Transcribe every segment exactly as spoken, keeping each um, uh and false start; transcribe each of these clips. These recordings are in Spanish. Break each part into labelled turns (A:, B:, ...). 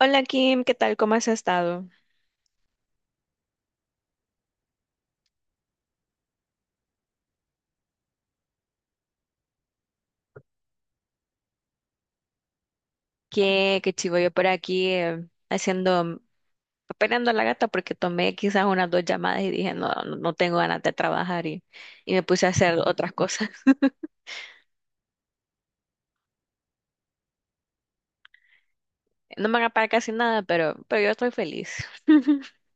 A: Hola Kim, ¿qué tal? ¿Cómo has estado? Qué, qué chivo yo por aquí, eh, haciendo, peleando a la gata porque tomé quizás unas dos llamadas y dije, no, no, no tengo ganas de trabajar, y, y me puse a hacer otras cosas. No me van a pagar casi nada, pero, pero yo estoy feliz.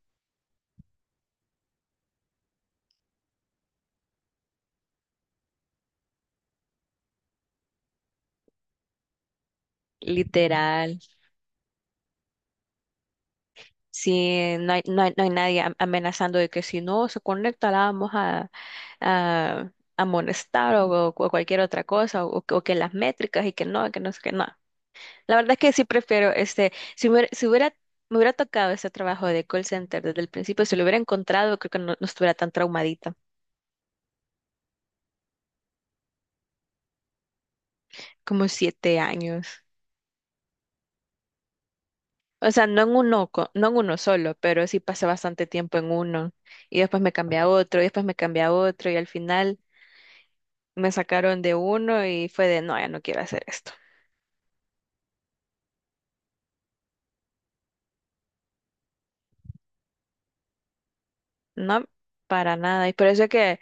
A: Literal. Sí, no hay, no hay, no hay nadie am- amenazando de que si no se conecta la vamos a, a a amonestar, o, o cualquier otra cosa, o, o que las métricas y que no, que no sé qué, no. La verdad es que sí prefiero, este, si me, hubiera, si hubiera- me hubiera tocado ese trabajo de call center desde el principio. Si lo hubiera encontrado, creo que no, no estuviera tan traumadita, como siete años. O sea, no en uno, co- no en uno solo, pero sí pasé bastante tiempo en uno y después me cambié a otro y después me cambié a otro y al final me sacaron de uno y fue de, no, ya no quiero hacer esto. No, para nada. Y por eso que,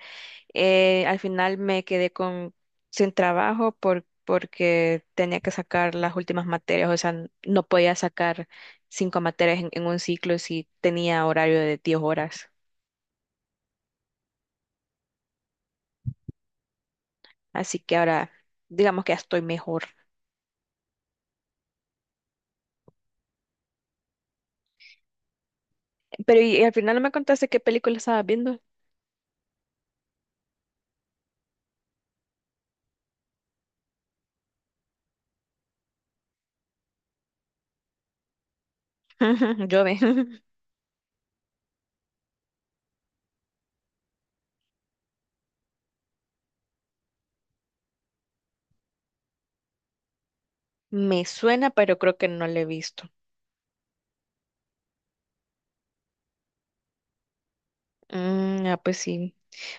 A: Eh, al final me quedé con, sin trabajo por, porque tenía que sacar las últimas materias. O sea, n- no podía sacar cinco materias en, en un ciclo si tenía horario de diez horas. Así que ahora, digamos que ya estoy mejor. Pero y, y al final no me contaste qué película estabas viendo. Yo ve. Me suena, pero creo que no la he visto. Mm, ah, pues sí.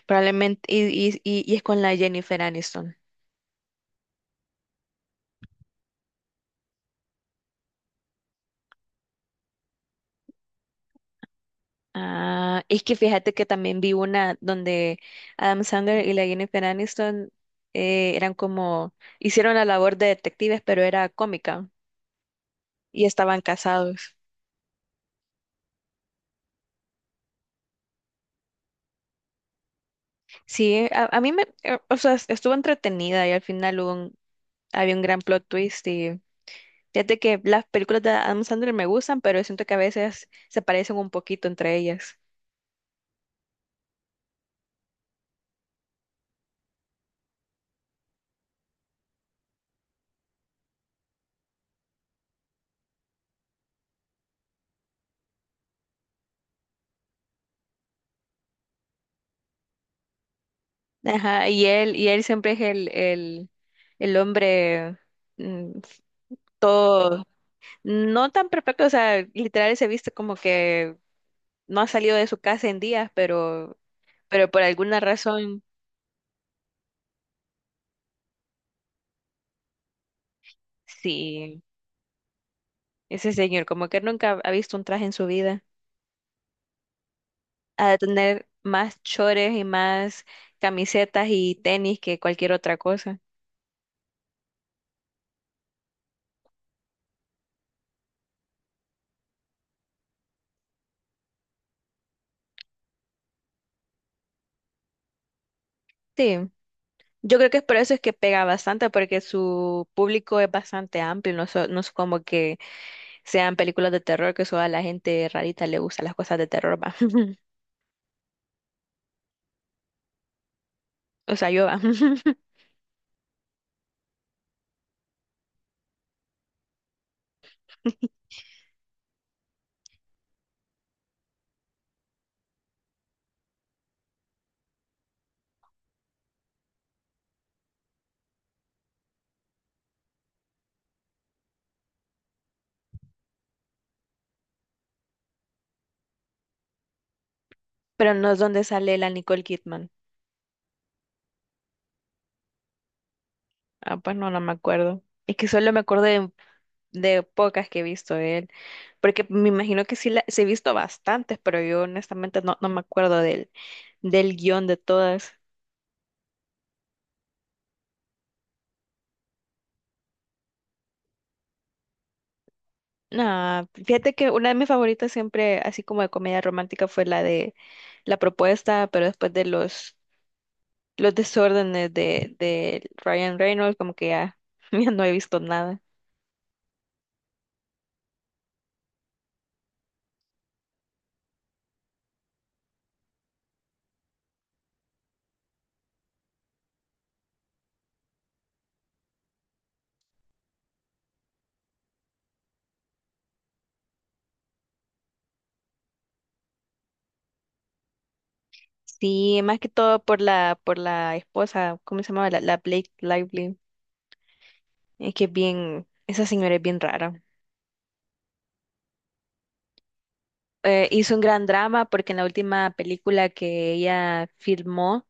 A: Probablemente, y, y, y y es con la Jennifer Aniston. Ah, es que fíjate que también vi una donde Adam Sandler y la Jennifer Aniston, eh, eran como, hicieron la labor de detectives, pero era cómica y estaban casados. Sí, a, a mí me, eh, o sea, estuvo entretenida y al final hubo un- había un gran plot twist. Y fíjate que las películas de Adam Sandler me gustan, pero siento que a veces se parecen un poquito entre ellas. Ajá, y él, y él siempre es el, el, el hombre, mm, todo. No tan perfecto, o sea, literal se viste como que no ha salido de su casa en días, pero, pero por alguna razón, sí, ese señor como que nunca ha visto un traje en su vida. Ha de tener más chores y más camisetas y tenis que cualquier otra cosa. Sí, yo creo que es por eso es que pega bastante, porque su público es bastante amplio, no, so- no es como que sean películas de terror, que solo a la gente rarita le gusta las cosas de terror, va. O sea, yo va. Pero no es donde sale la Nicole Kidman. Ah, pues no, no me acuerdo. Es que solo me acuerdo de, de pocas que he visto de él. Porque me imagino que sí, la, sí he visto bastantes, pero yo honestamente no, no me acuerdo del, del guión de todas. No, fíjate que una de mis favoritas siempre, así como de comedia romántica, fue la de La Propuesta, pero después de los, los desórdenes de, de Ryan Reynolds, como que ya, ya no he visto nada. Sí, más que todo por la, por la esposa. ¿Cómo se llamaba? La, la Blake Lively. Es que es bien, esa señora es bien rara. Eh, hizo un gran drama porque en la última película que ella filmó,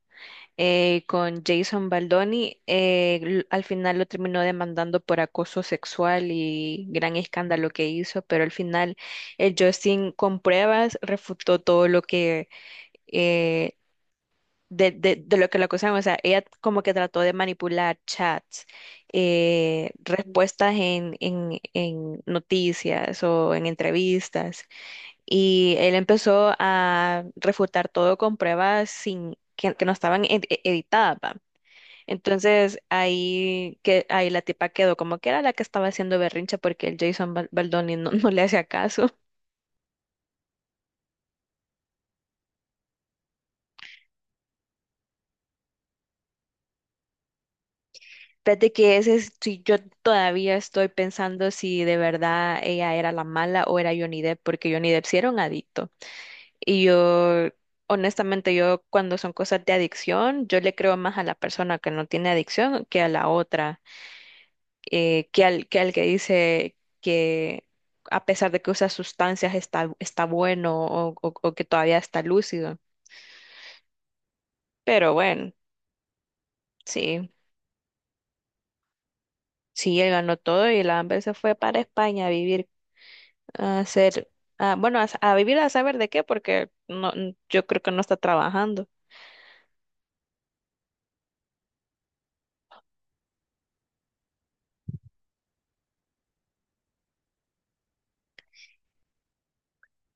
A: eh, con Jason Baldoni, eh, l- al final lo terminó demandando por acoso sexual y gran escándalo que hizo, pero al final el Justin con pruebas refutó todo lo que, eh, de, de- de lo que la acusaban. O sea, ella como que trató de manipular chats, eh, respuestas en, en, en noticias o en entrevistas, y él empezó a refutar todo con pruebas sin, que, que no estaban ed- e- editadas, va. Entonces ahí, que, ahí la tipa quedó como que era la que estaba haciendo berrincha porque el Jason Bal- Baldoni no, no le hacía caso. Fíjate que ese es, si yo todavía estoy pensando si de verdad ella era la mala o era Johnny Depp, porque Johnny Depp sí era un adicto. Y yo, honestamente, yo cuando son cosas de adicción, yo le creo más a la persona que no tiene adicción que a la otra, eh, que al, que al que dice que a pesar de que usa sustancias está, está bueno, o, o- o que todavía está lúcido. Pero bueno, sí, sí, él ganó todo y la Amber se fue para España a vivir. a hacer, a- bueno, a, a vivir a saber de qué, porque no, n- yo creo que no está trabajando.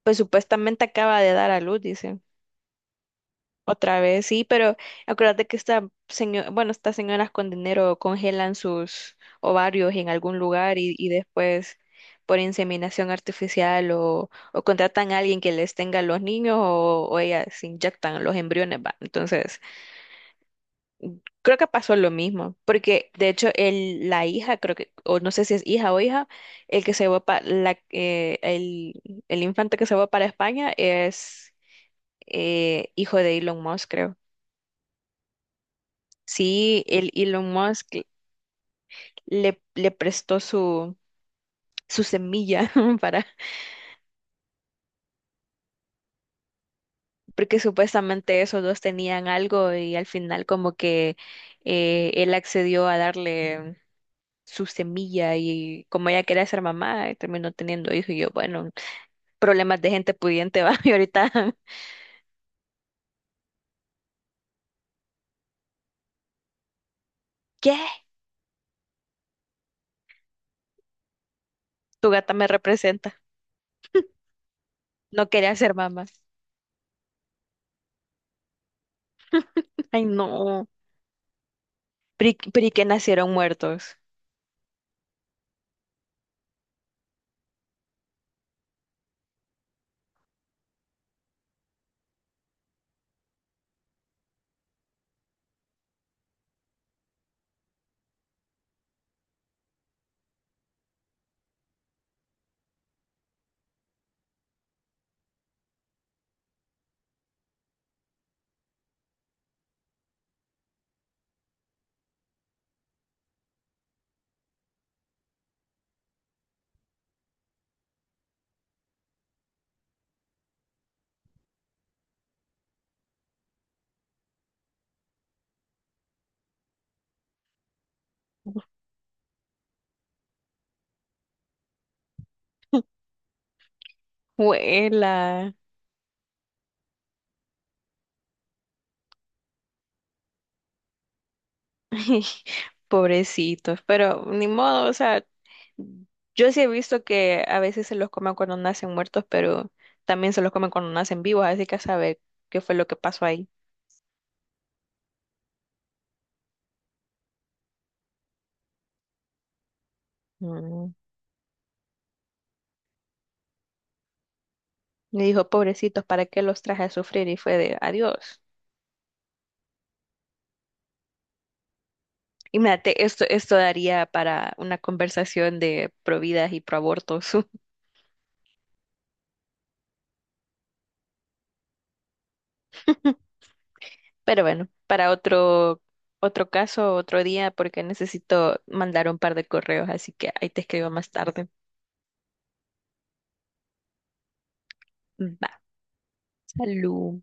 A: Pues supuestamente acaba de dar a luz, dice. Otra vez, sí, pero acuérdate que esta señora, bueno, estas señoras con dinero congelan sus ovarios en algún lugar, y, y después por inseminación artificial, o, o contratan a alguien que les tenga los niños, o, o ellas inyectan los embriones, va. Entonces, creo que pasó lo mismo, porque de hecho el, la hija, creo que, o no sé si es hija o hija, el que se va para la, eh, el, el infante que se va para España es, eh, hijo de Elon Musk, creo. Sí, el Elon Musk le, le prestó su, su semilla para, porque supuestamente esos dos tenían algo y al final como que, eh, él accedió a darle su semilla y como ella quería ser mamá, terminó teniendo hijo y yo, bueno. Problemas de gente pudiente, va. Y ahorita, ¿qué? Tu gata me representa. No quería ser mamá. Ay, no. Pri, pri que nacieron muertos. Huela. Pobrecitos. Pero ni modo, o sea, yo sí he visto que a veces se los comen cuando nacen muertos, pero también se los comen cuando nacen vivos, así que a saber qué fue lo que pasó ahí. Mm. Me dijo, pobrecitos, ¿para qué los traje a sufrir? Y fue de adiós. Imagínate, esto, esto daría para una conversación de providas y proabortos. Pero bueno, para otro, otro caso, otro día, porque necesito mandar un par de correos, así que ahí te escribo más tarde. Mm, Va, salud.